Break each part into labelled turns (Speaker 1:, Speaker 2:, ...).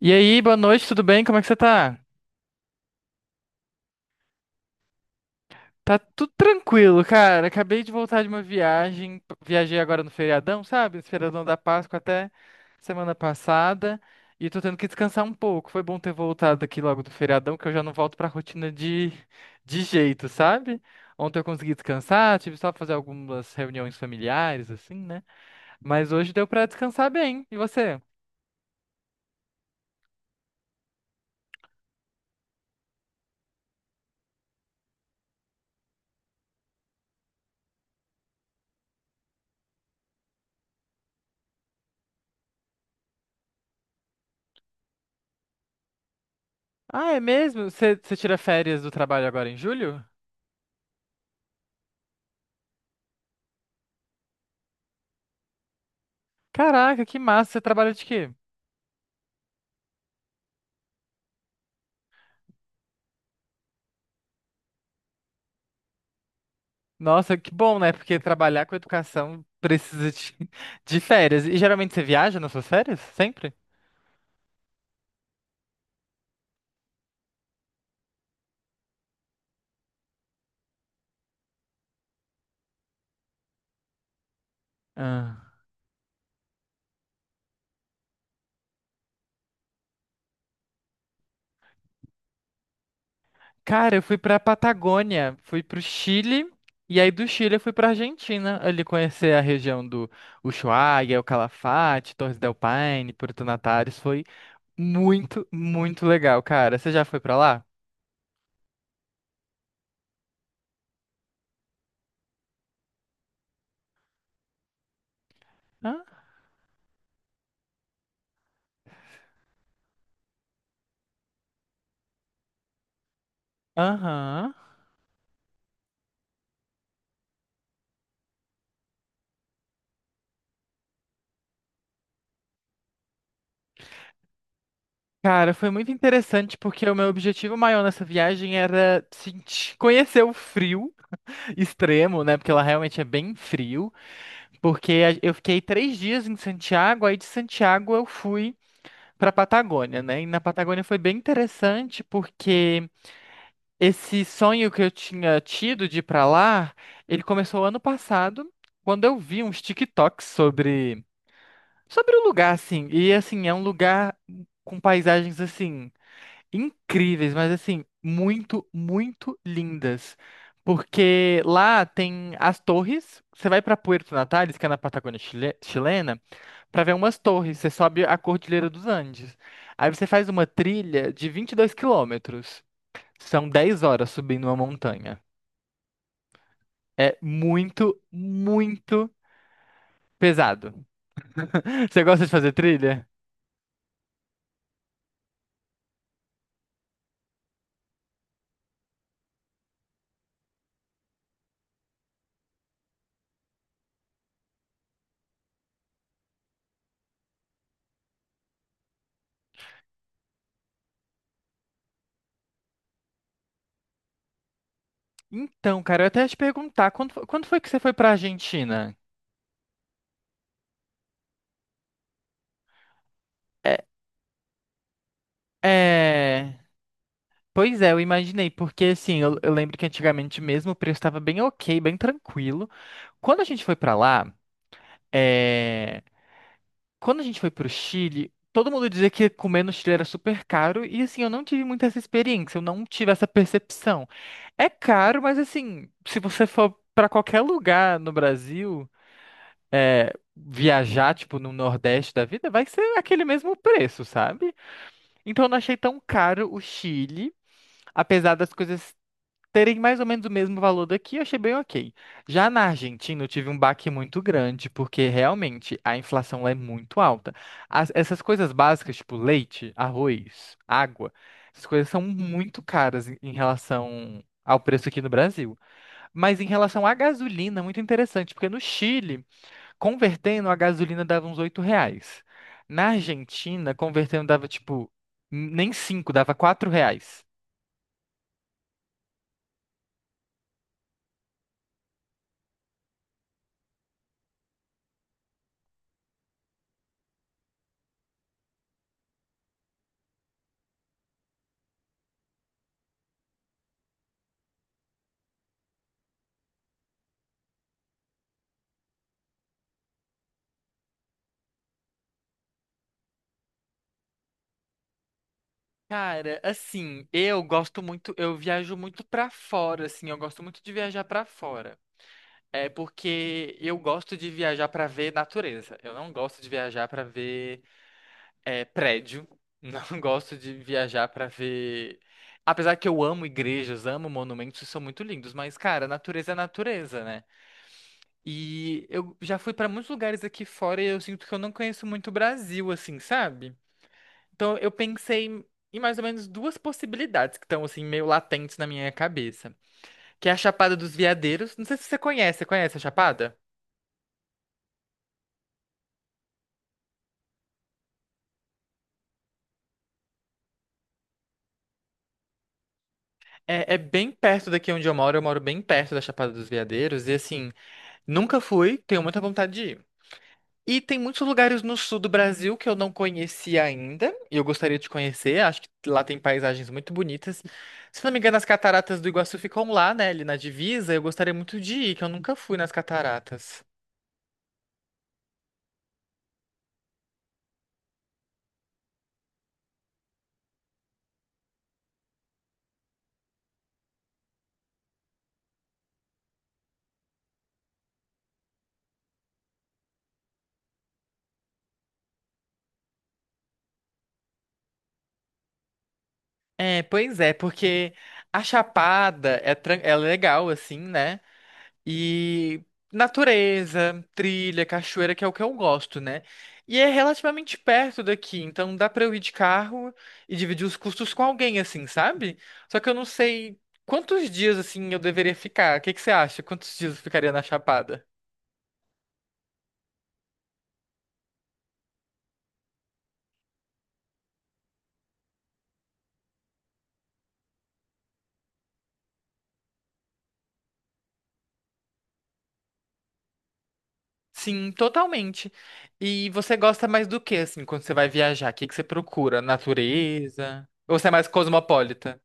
Speaker 1: E aí, boa noite, tudo bem? Como é que você tá? Tá tudo tranquilo, cara. Acabei de voltar de uma viagem. Viajei agora no feriadão, sabe? Esse feriadão da Páscoa até semana passada. E tô tendo que descansar um pouco. Foi bom ter voltado aqui logo do feriadão, que eu já não volto pra rotina de jeito, sabe? Ontem eu consegui descansar, tive só pra fazer algumas reuniões familiares, assim, né? Mas hoje deu pra descansar bem. E você? Ah, é mesmo? Você tira férias do trabalho agora em julho? Caraca, que massa! Você trabalha de quê? Nossa, que bom, né? Porque trabalhar com educação precisa de, de férias. E geralmente você viaja nas suas férias? Sempre? Ah. Cara, eu fui pra Patagônia, fui pro Chile, e aí do Chile eu fui pra Argentina, ali conhecer a região do Ushuaia, o Calafate, Torres del Paine, Puerto Natales. Foi muito, muito legal, cara. Você já foi pra lá? Hã? Aham. Cara, foi muito interessante porque o meu objetivo maior nessa viagem era sentir, conhecer o frio extremo, né? Porque lá realmente é bem frio. Eu fiquei 3 dias em Santiago, aí de Santiago eu fui para Patagônia, né? E na Patagônia foi bem interessante porque esse sonho que eu tinha tido de ir para lá, ele começou ano passado, quando eu vi uns TikToks sobre o lugar, assim. E assim é um lugar com paisagens assim incríveis, mas assim, muito, muito lindas. Porque lá tem as torres. Você vai para Puerto Natales, que é na Patagônia chilena, para ver umas torres. Você sobe a Cordilheira dos Andes. Aí você faz uma trilha de 22 quilômetros. São 10 horas subindo uma montanha. É muito, muito pesado. Você gosta de fazer trilha? Então, cara, eu até ia te perguntar, quando foi que você foi para Argentina? É, é. Pois é, eu imaginei, porque assim, eu lembro que antigamente mesmo o preço estava bem ok, bem tranquilo. Quando a gente foi pra lá, é, quando a gente foi pro Chile, todo mundo dizia que comer no Chile era super caro, e assim, eu não tive muita essa experiência, eu não tive essa percepção. É caro, mas assim, se você for pra qualquer lugar no Brasil, viajar, tipo, no Nordeste da vida, vai ser aquele mesmo preço, sabe? Então eu não achei tão caro o Chile. Apesar das coisas terem mais ou menos o mesmo valor daqui, eu achei bem ok. Já na Argentina, eu tive um baque muito grande, porque realmente a inflação lá é muito alta. Essas coisas básicas, tipo leite, arroz, água, essas coisas são muito caras em relação ao preço aqui no Brasil. Mas em relação à gasolina, é muito interessante, porque no Chile, convertendo, a gasolina dava uns 8 reais. Na Argentina, convertendo dava tipo, nem 5, dava 4 reais. Cara, assim, eu gosto muito, eu viajo muito pra fora, assim, eu gosto muito de viajar pra fora. É porque eu gosto de viajar pra ver natureza. Eu não gosto de viajar pra ver é, prédio. Não gosto de viajar pra ver. Apesar que eu amo igrejas, amo monumentos, e são muito lindos, mas, cara, natureza é natureza, né? E eu já fui pra muitos lugares aqui fora e eu sinto que eu não conheço muito o Brasil, assim, sabe? Então eu pensei em mais ou menos duas possibilidades que estão assim meio latentes na minha cabeça, que é a Chapada dos Veadeiros. Não sei se você conhece, você conhece a Chapada? É, é bem perto daqui onde eu moro bem perto da Chapada dos Veadeiros e assim, nunca fui, tenho muita vontade de ir. E tem muitos lugares no sul do Brasil que eu não conheci ainda, e eu gostaria de conhecer, acho que lá tem paisagens muito bonitas. Se não me engano, as cataratas do Iguaçu ficam lá, né, ali na divisa, eu gostaria muito de ir, que eu nunca fui nas cataratas. É, pois é, porque a Chapada é, é legal, assim, né? E natureza, trilha, cachoeira, que é o que eu gosto, né? E é relativamente perto daqui, então dá pra eu ir de carro e dividir os custos com alguém, assim, sabe? Só que eu não sei quantos dias, assim, eu deveria ficar. O que que você acha? Quantos dias eu ficaria na Chapada? Sim, totalmente. E você gosta mais do que, assim, quando você vai viajar? O que que você procura? Natureza? Ou você é mais cosmopolita?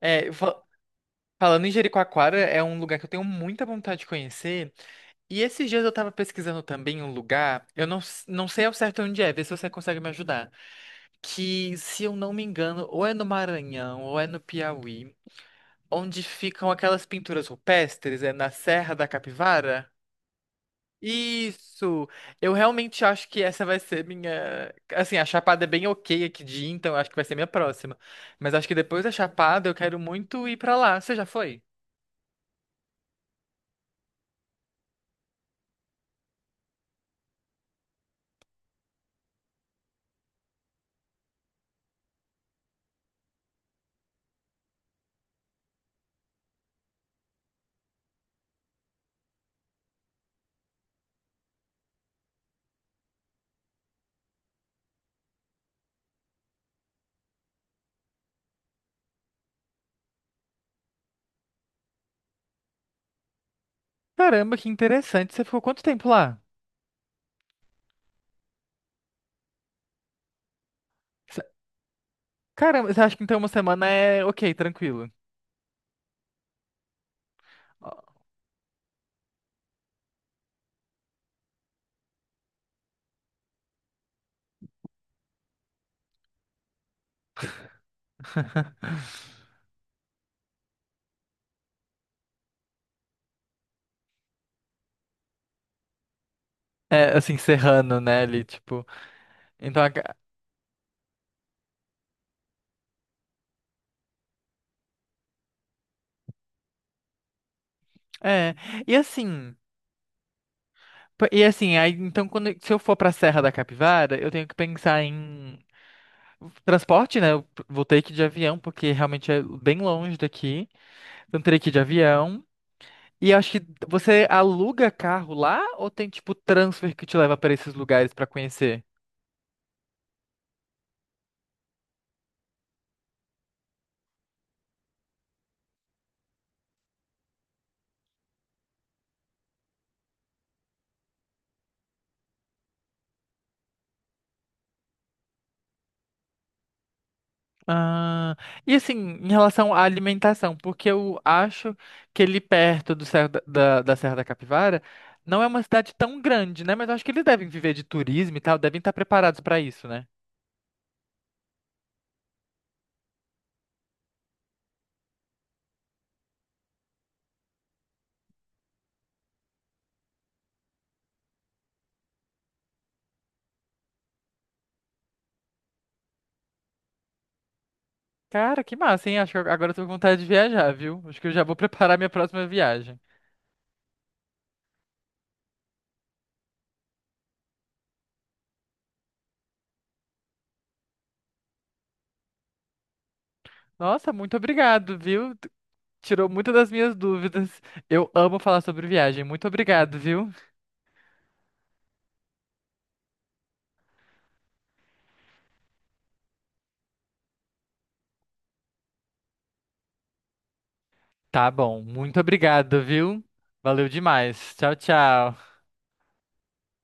Speaker 1: É, falando em Jericoacoara, é um lugar que eu tenho muita vontade de conhecer. E esses dias eu tava pesquisando também um lugar, eu não, não sei ao certo onde é, vê se você consegue me ajudar. Que, se eu não me engano, ou é no Maranhão, ou é no Piauí, onde ficam aquelas pinturas rupestres, é na Serra da Capivara. Isso! Eu realmente acho que essa vai ser minha. Assim, a Chapada é bem ok aqui de ir, então eu acho que vai ser minha próxima. Mas acho que depois da Chapada eu quero muito ir pra lá. Você já foi? Caramba, que interessante. Você ficou quanto tempo lá? Cê- Caramba, você acha que então uma semana é ok, tranquilo. Ó, É, assim, serrano, né, ali, tipo. Então, é. E assim, e assim, aí, então, quando, se eu for pra Serra da Capivara, eu tenho que pensar em transporte, né? Vou ter que ir de avião, porque realmente é bem longe daqui. Então, teria que ir de avião. E eu acho que você aluga carro lá ou tem, tipo, transfer que te leva pra esses lugares pra conhecer? Ah, e assim, em relação à alimentação, porque eu acho que ele perto do Serra da Serra da Capivara não é uma cidade tão grande, né? Mas eu acho que eles devem viver de turismo e tal, devem estar preparados pra isso, né? Cara, que massa, hein? Acho que agora eu tô com vontade de viajar, viu? Acho que eu já vou preparar minha próxima viagem. Nossa, muito obrigado, viu? Tirou muitas das minhas dúvidas. Eu amo falar sobre viagem. Muito obrigado, viu? Tá bom, muito obrigado, viu? Valeu demais. Tchau, tchau.